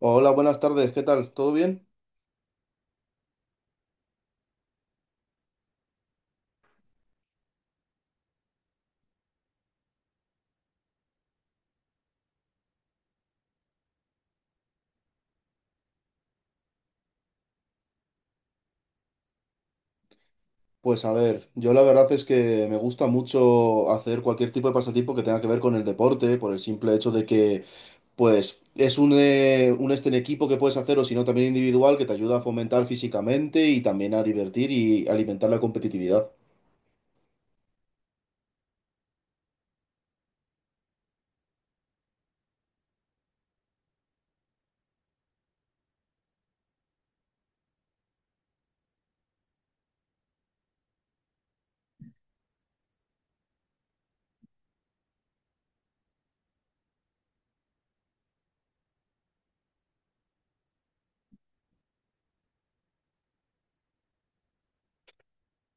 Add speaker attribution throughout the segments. Speaker 1: Hola, buenas tardes, ¿qué tal? ¿Todo bien? Pues a ver, yo la verdad es que me gusta mucho hacer cualquier tipo de pasatiempo que tenga que ver con el deporte, por el simple hecho de que, pues, es un este en equipo que puedes hacer o si no también individual que te ayuda a fomentar físicamente y también a divertir y alimentar la competitividad.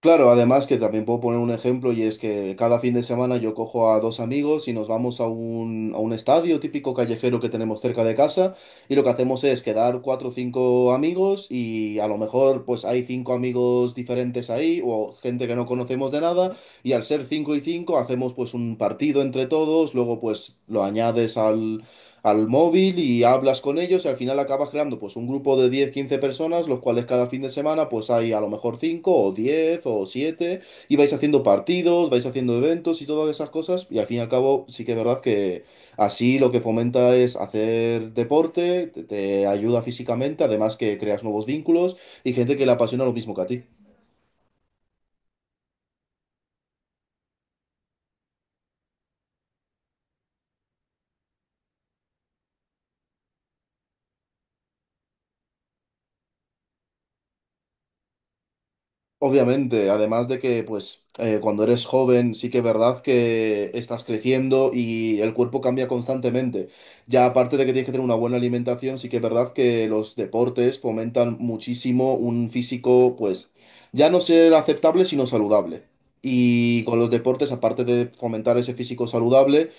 Speaker 1: Claro, además que también puedo poner un ejemplo y es que cada fin de semana yo cojo a dos amigos y nos vamos a un estadio típico callejero que tenemos cerca de casa y lo que hacemos es quedar cuatro o cinco amigos y a lo mejor pues hay cinco amigos diferentes ahí o gente que no conocemos de nada y al ser cinco y cinco hacemos pues un partido entre todos. Luego pues lo añades al móvil y hablas con ellos y al final acabas creando pues un grupo de 10 15 personas, los cuales cada fin de semana pues hay a lo mejor 5 o 10 o 7 y vais haciendo partidos, vais haciendo eventos y todas esas cosas. Y al fin y al cabo sí que es verdad que así lo que fomenta es hacer deporte, te ayuda físicamente, además que creas nuevos vínculos y gente que le apasiona lo mismo que a ti. Obviamente, además de que, pues, cuando eres joven, sí que es verdad que estás creciendo y el cuerpo cambia constantemente. Ya aparte de que tienes que tener una buena alimentación, sí que es verdad que los deportes fomentan muchísimo un físico, pues, ya no ser aceptable, sino saludable. Y con los deportes, aparte de fomentar ese físico saludable,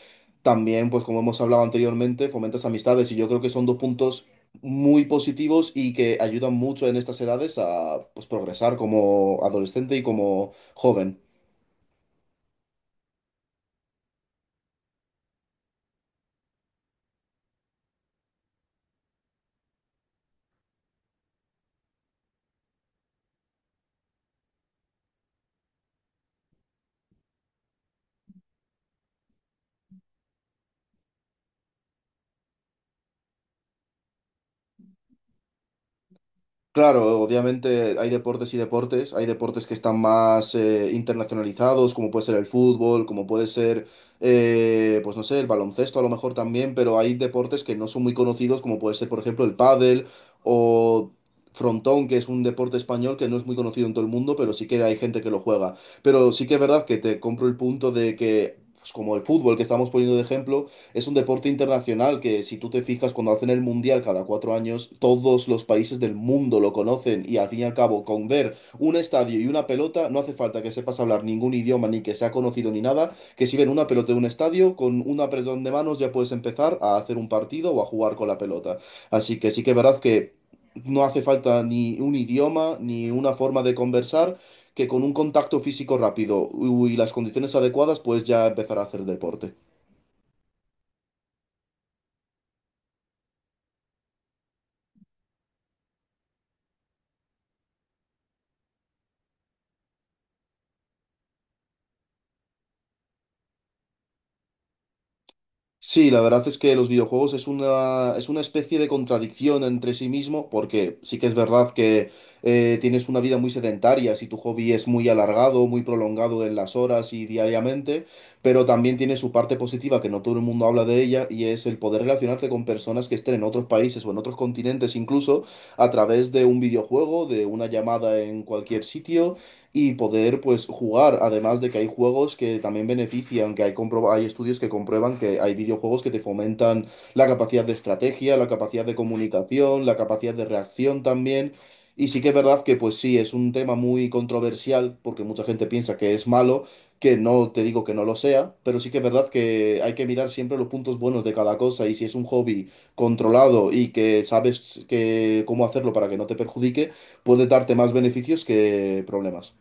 Speaker 1: también, pues como hemos hablado anteriormente, fomentas amistades y yo creo que son dos puntos muy positivos y que ayudan mucho en estas edades a pues, progresar como adolescente y como joven. Claro, obviamente hay deportes y deportes. Hay deportes que están más internacionalizados, como puede ser el fútbol, como puede ser, pues no sé, el baloncesto a lo mejor también, pero hay deportes que no son muy conocidos, como puede ser, por ejemplo, el pádel o frontón, que es un deporte español que no es muy conocido en todo el mundo, pero sí que hay gente que lo juega. Pero sí que es verdad que te compro el punto de que, pues como el fútbol que estamos poniendo de ejemplo es un deporte internacional, que si tú te fijas cuando hacen el mundial cada cuatro años, todos los países del mundo lo conocen, y al fin y al cabo con ver un estadio y una pelota no hace falta que sepas hablar ningún idioma ni que sea conocido ni nada, que si ven una pelota de un estadio, con un apretón de manos ya puedes empezar a hacer un partido o a jugar con la pelota. Así que sí que es verdad que no hace falta ni un idioma ni una forma de conversar, que con un contacto físico rápido y las condiciones adecuadas puedes ya empezar a hacer deporte. Sí, la verdad es que los videojuegos es una especie de contradicción entre sí mismo, porque sí que es verdad que tienes una vida muy sedentaria si tu hobby es muy alargado, muy prolongado en las horas y diariamente, pero también tiene su parte positiva, que no todo el mundo habla de ella, y es el poder relacionarte con personas que estén en otros países o en otros continentes incluso, a través de un videojuego, de una llamada en cualquier sitio y poder pues jugar. Además de que hay juegos que también benefician, que hay, hay estudios que comprueban que hay videojuegos que te fomentan la capacidad de estrategia, la capacidad de comunicación, la capacidad de reacción también. Y sí que es verdad que pues sí, es un tema muy controversial porque mucha gente piensa que es malo, que no te digo que no lo sea, pero sí que es verdad que hay que mirar siempre los puntos buenos de cada cosa, y si es un hobby controlado y que sabes que cómo hacerlo para que no te perjudique, puede darte más beneficios que problemas.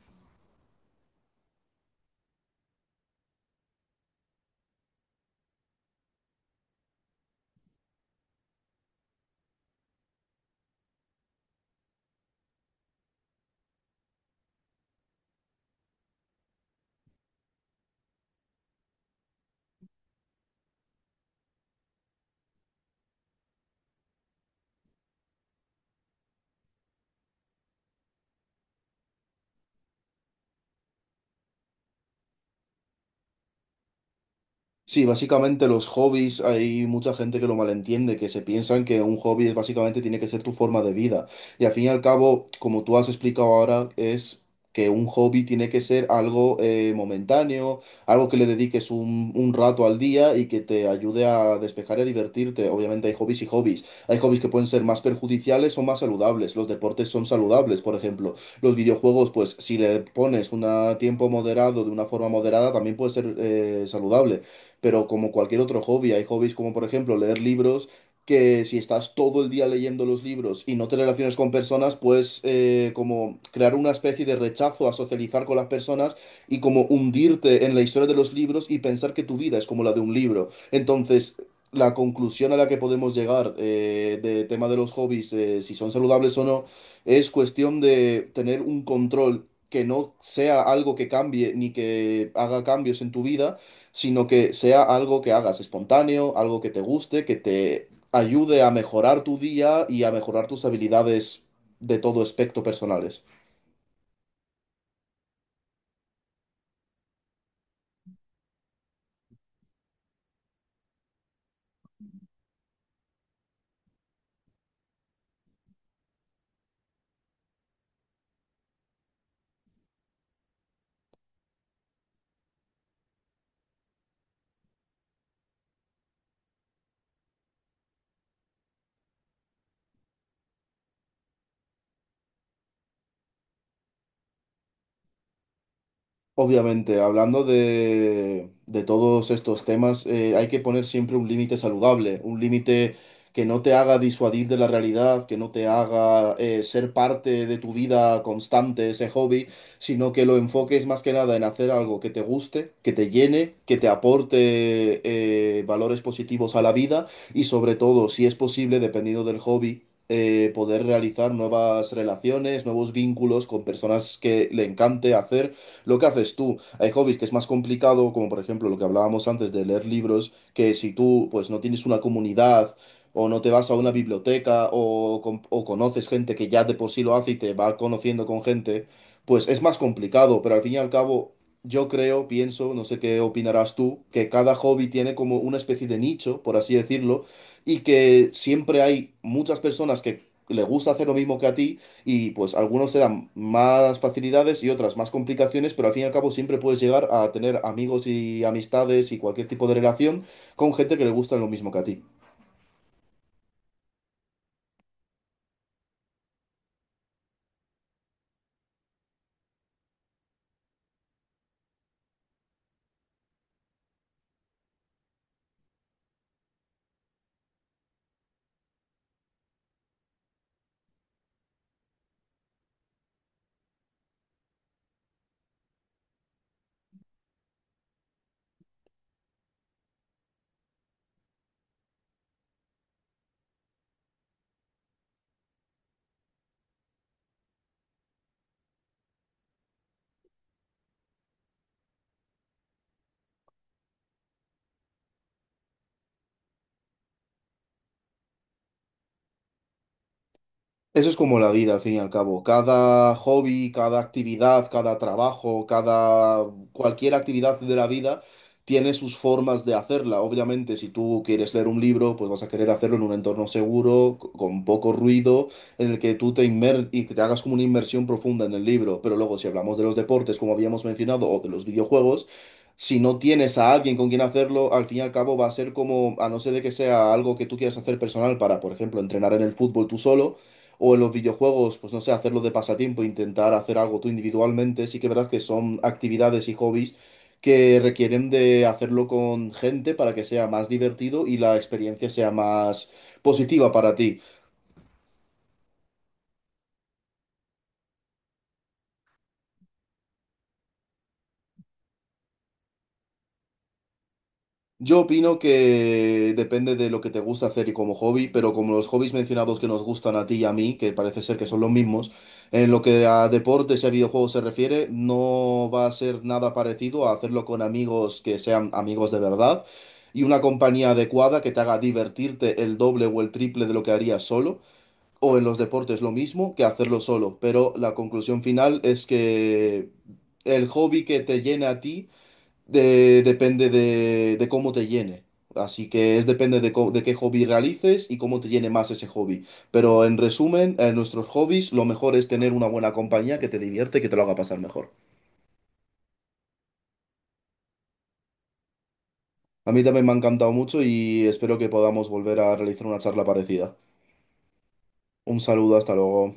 Speaker 1: Sí, básicamente los hobbies, hay mucha gente que lo malentiende, que se piensan que un hobby es básicamente tiene que ser tu forma de vida. Y al fin y al cabo, como tú has explicado ahora, es que un hobby tiene que ser algo momentáneo, algo que le dediques un rato al día y que te ayude a despejar y a divertirte. Obviamente hay hobbies y hobbies. Hay hobbies que pueden ser más perjudiciales o más saludables. Los deportes son saludables, por ejemplo. Los videojuegos, pues si le pones un tiempo moderado, de una forma moderada, también puede ser saludable, pero como cualquier otro hobby, hay hobbies como por ejemplo leer libros, que si estás todo el día leyendo los libros y no te relacionas con personas, puedes como crear una especie de rechazo a socializar con las personas y como hundirte en la historia de los libros y pensar que tu vida es como la de un libro. Entonces... La conclusión a la que podemos llegar de tema de los hobbies, si son saludables o no, es cuestión de tener un control, que no sea algo que cambie ni que haga cambios en tu vida, sino que sea algo que hagas espontáneo, algo que te guste, que te ayude a mejorar tu día y a mejorar tus habilidades de todo aspecto personales. Obviamente, hablando de todos estos temas, hay que poner siempre un límite saludable, un límite que no te haga disuadir de la realidad, que no te haga ser parte de tu vida constante, ese hobby, sino que lo enfoques más que nada en hacer algo que te guste, que te llene, que te aporte valores positivos a la vida, y sobre todo, si es posible, dependiendo del hobby. Poder realizar nuevas relaciones, nuevos vínculos con personas que le encante hacer lo que haces tú. Hay hobbies que es más complicado, como por ejemplo lo que hablábamos antes de leer libros, que si tú pues no tienes una comunidad o no te vas a una biblioteca o, o conoces gente que ya de por sí lo hace y te va conociendo con gente, pues es más complicado, pero al fin y al cabo yo creo, pienso, no sé qué opinarás tú, que cada hobby tiene como una especie de nicho, por así decirlo, y que siempre hay muchas personas que le gusta hacer lo mismo que a ti, y pues algunos te dan más facilidades y otras más complicaciones, pero al fin y al cabo siempre puedes llegar a tener amigos y amistades y cualquier tipo de relación con gente que le gusta lo mismo que a ti. Eso es como la vida, al fin y al cabo. Cada hobby, cada actividad, cada trabajo, cada cualquier actividad de la vida tiene sus formas de hacerla. Obviamente, si tú quieres leer un libro, pues vas a querer hacerlo en un entorno seguro, con poco ruido, en el que tú te inmer y que te hagas como una inmersión profunda en el libro. Pero luego, si hablamos de los deportes, como habíamos mencionado, o de los videojuegos, si no tienes a alguien con quien hacerlo, al fin y al cabo va a ser como, a no ser de que sea algo que tú quieras hacer personal para, por ejemplo, entrenar en el fútbol tú solo o en los videojuegos, pues no sé, hacerlo de pasatiempo, intentar hacer algo tú individualmente, sí que es verdad que son actividades y hobbies que requieren de hacerlo con gente para que sea más divertido y la experiencia sea más positiva para ti. Yo opino que depende de lo que te gusta hacer y como hobby, pero como los hobbies mencionados que nos gustan a ti y a mí, que parece ser que son los mismos, en lo que a deportes y a videojuegos se refiere, no va a ser nada parecido a hacerlo con amigos que sean amigos de verdad y una compañía adecuada que te haga divertirte el doble o el triple de lo que harías solo, o en los deportes lo mismo que hacerlo solo. Pero la conclusión final es que el hobby que te llene a ti depende de cómo te llene. Así que es depende de, de qué hobby realices y cómo te llene más ese hobby. Pero en resumen, en nuestros hobbies lo mejor es tener una buena compañía que te divierte y que te lo haga pasar mejor. A mí también me ha encantado mucho y espero que podamos volver a realizar una charla parecida. Un saludo, hasta luego.